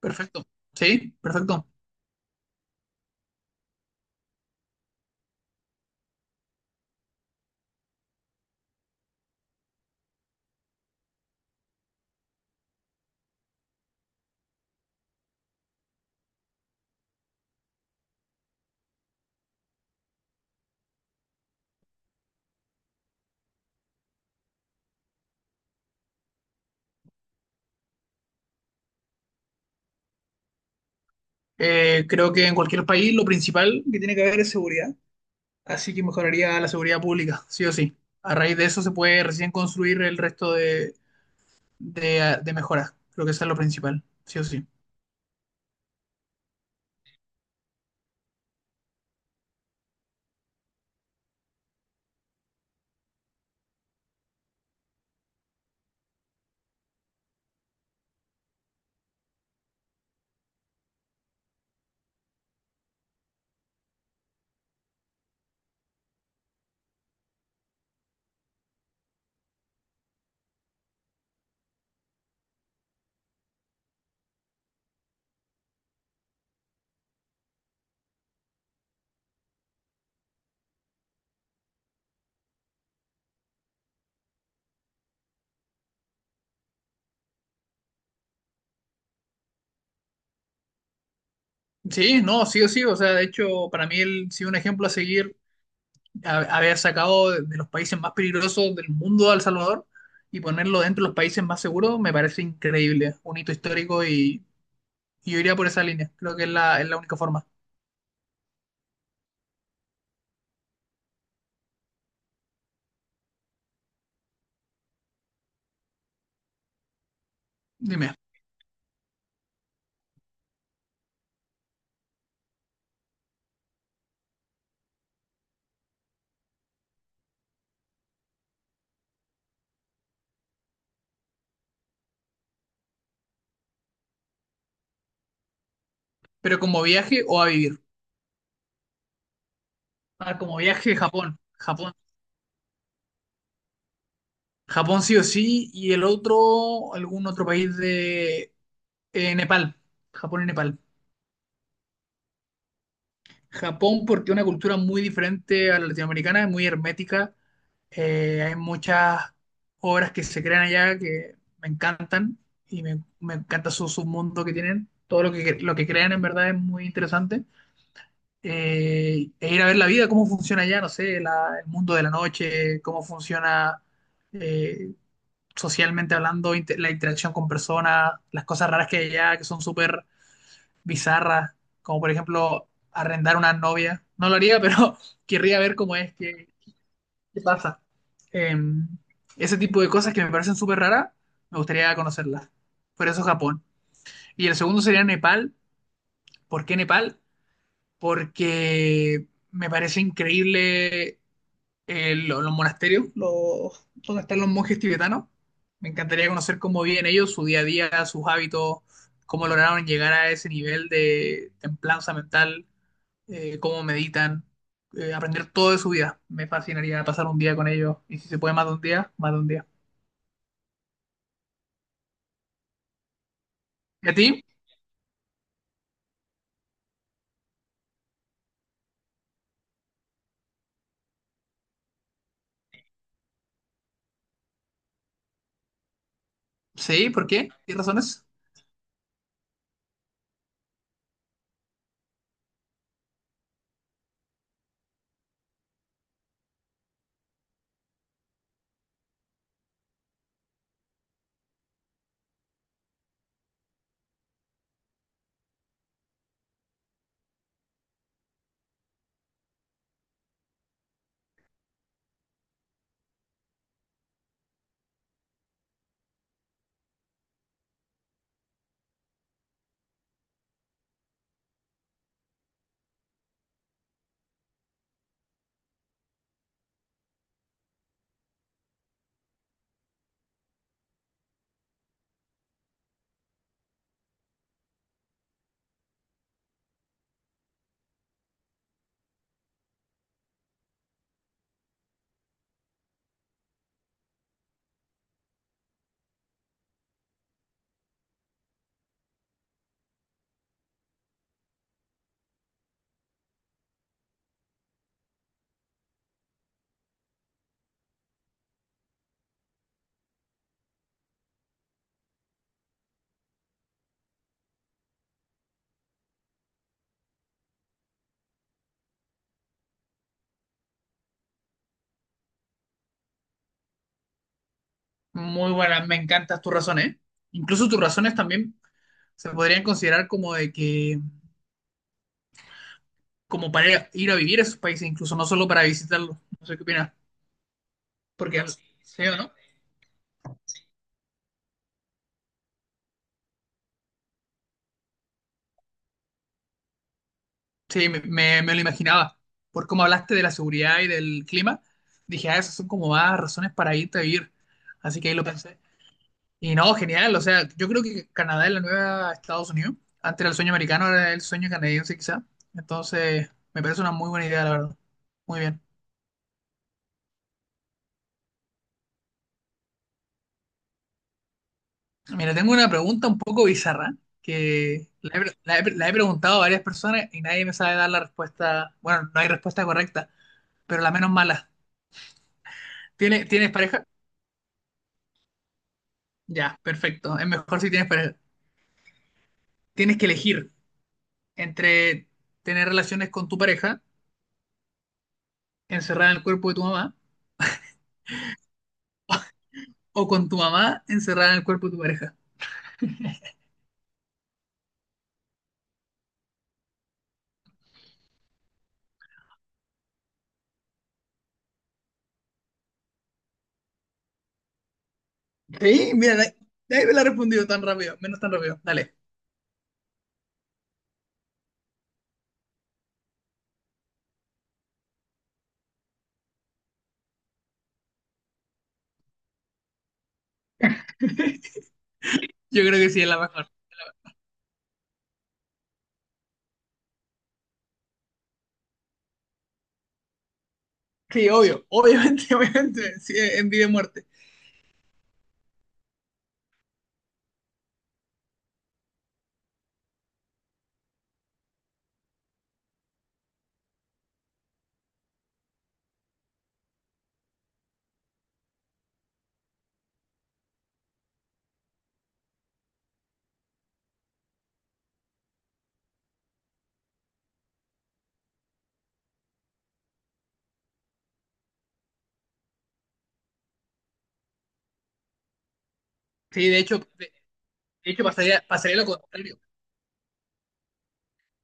Perfecto. Sí, perfecto. Creo que en cualquier país lo principal que tiene que haber es seguridad, así que mejoraría la seguridad pública, sí o sí. A raíz de eso se puede recién construir el resto de mejoras. Creo que eso es lo principal, sí o sí. Sí, no, sí o sí. O sea, de hecho, para mí el, sí un ejemplo a seguir, haber sacado de los países más peligrosos del mundo a El Salvador y ponerlo dentro de los países más seguros, me parece increíble, un hito histórico y yo iría por esa línea. Creo que es es la única forma. Dime. Pero ¿como viaje o a vivir? Ah, como viaje, Japón. Japón. Japón sí o sí. Y el otro, algún otro país de Nepal. Japón y Nepal. Japón porque es una cultura muy diferente a la latinoamericana, es muy hermética. Hay muchas obras que se crean allá que me encantan y me encanta su submundo que tienen. Todo lo que crean en verdad es muy interesante. E ir a ver la vida, cómo funciona allá, no sé, el mundo de la noche, cómo funciona eh, socialmente hablando, la interacción con personas, las cosas raras que hay allá, que son súper bizarras, como por ejemplo arrendar una novia. No lo haría, pero querría ver cómo es, qué pasa. Eh, Ese tipo de cosas que me parecen súper raras, me gustaría conocerlas. Por eso Japón. Y el segundo sería Nepal. ¿Por qué Nepal? Porque me parece increíble, los monasterios, los, donde están los monjes tibetanos. Me encantaría conocer cómo viven ellos, su día a día, sus hábitos, cómo lograron llegar a ese nivel de templanza mental, cómo meditan, aprender todo de su vida. Me fascinaría pasar un día con ellos y si se puede más de un día, más de un día. ¿Y a ti? Sí, ¿por qué? ¿Qué razones? Muy buenas, me encantan tus razones. Incluso tus razones también se podrían considerar como como para ir a vivir a esos países, incluso no solo para visitarlos. No sé qué opinas. Porque al feo, ¿no? Sí, me lo imaginaba. Por cómo hablaste de la seguridad y del clima, dije, ah, esas son como más razones para irte a vivir. Así que ahí lo pensé. Y no, genial. O sea, yo creo que Canadá es la nueva Estados Unidos. Antes era el sueño americano, ahora es el sueño canadiense quizá. Entonces, me parece una muy buena idea, la verdad. Muy bien. Mira, tengo una pregunta un poco bizarra que la he preguntado a varias personas y nadie me sabe dar la respuesta. Bueno, no hay respuesta correcta, pero la menos mala. ¿Tienes pareja? Ya, perfecto. Es mejor si tienes pareja. Tienes que elegir entre tener relaciones con tu pareja, encerrada en el cuerpo de tu mamá, o con tu mamá, encerrada en el cuerpo de tu pareja. Sí, mira, nadie me la ha respondido tan rápido, menos tan rápido. Dale. Yo creo que sí es la mejor. Sí, obvio, obviamente, obviamente, sí, en vida y muerte. Sí, de hecho, de hecho pasaría lo contrario.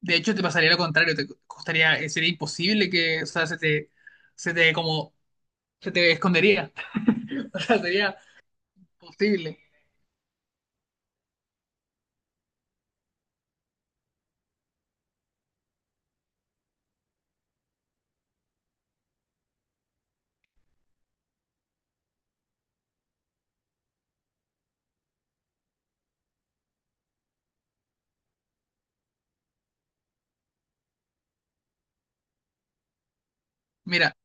De hecho, te pasaría lo contrario, te costaría, sería imposible que, o sea, se te como, se te escondería. O sea, sería posible. Mira,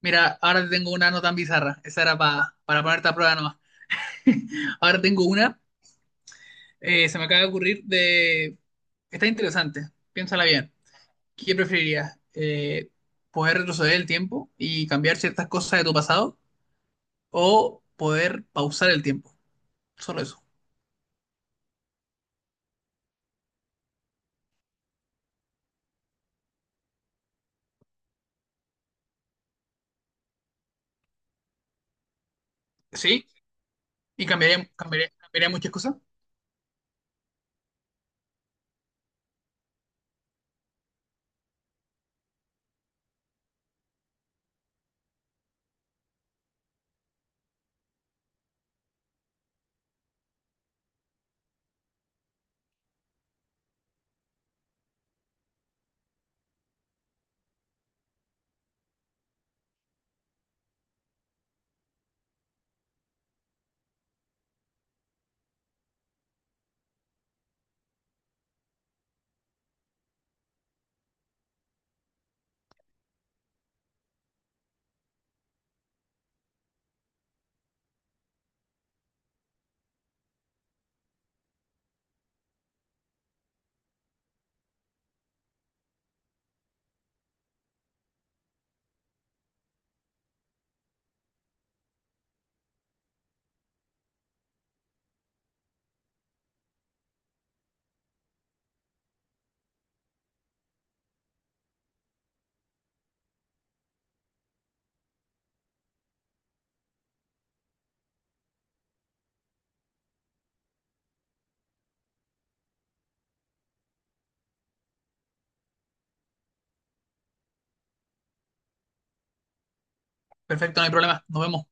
mira, ahora te tengo una no tan bizarra. Esa era para ponerte a prueba nomás. Ahora tengo una, se me acaba de ocurrir de... Está interesante, piénsala bien. ¿Qué preferirías? ¿Poder retroceder el tiempo y cambiar ciertas cosas de tu pasado? ¿O poder pausar el tiempo? Solo eso. ¿Sí? ¿Y cambiaría muchas cosas? Perfecto, no hay problema. Nos vemos.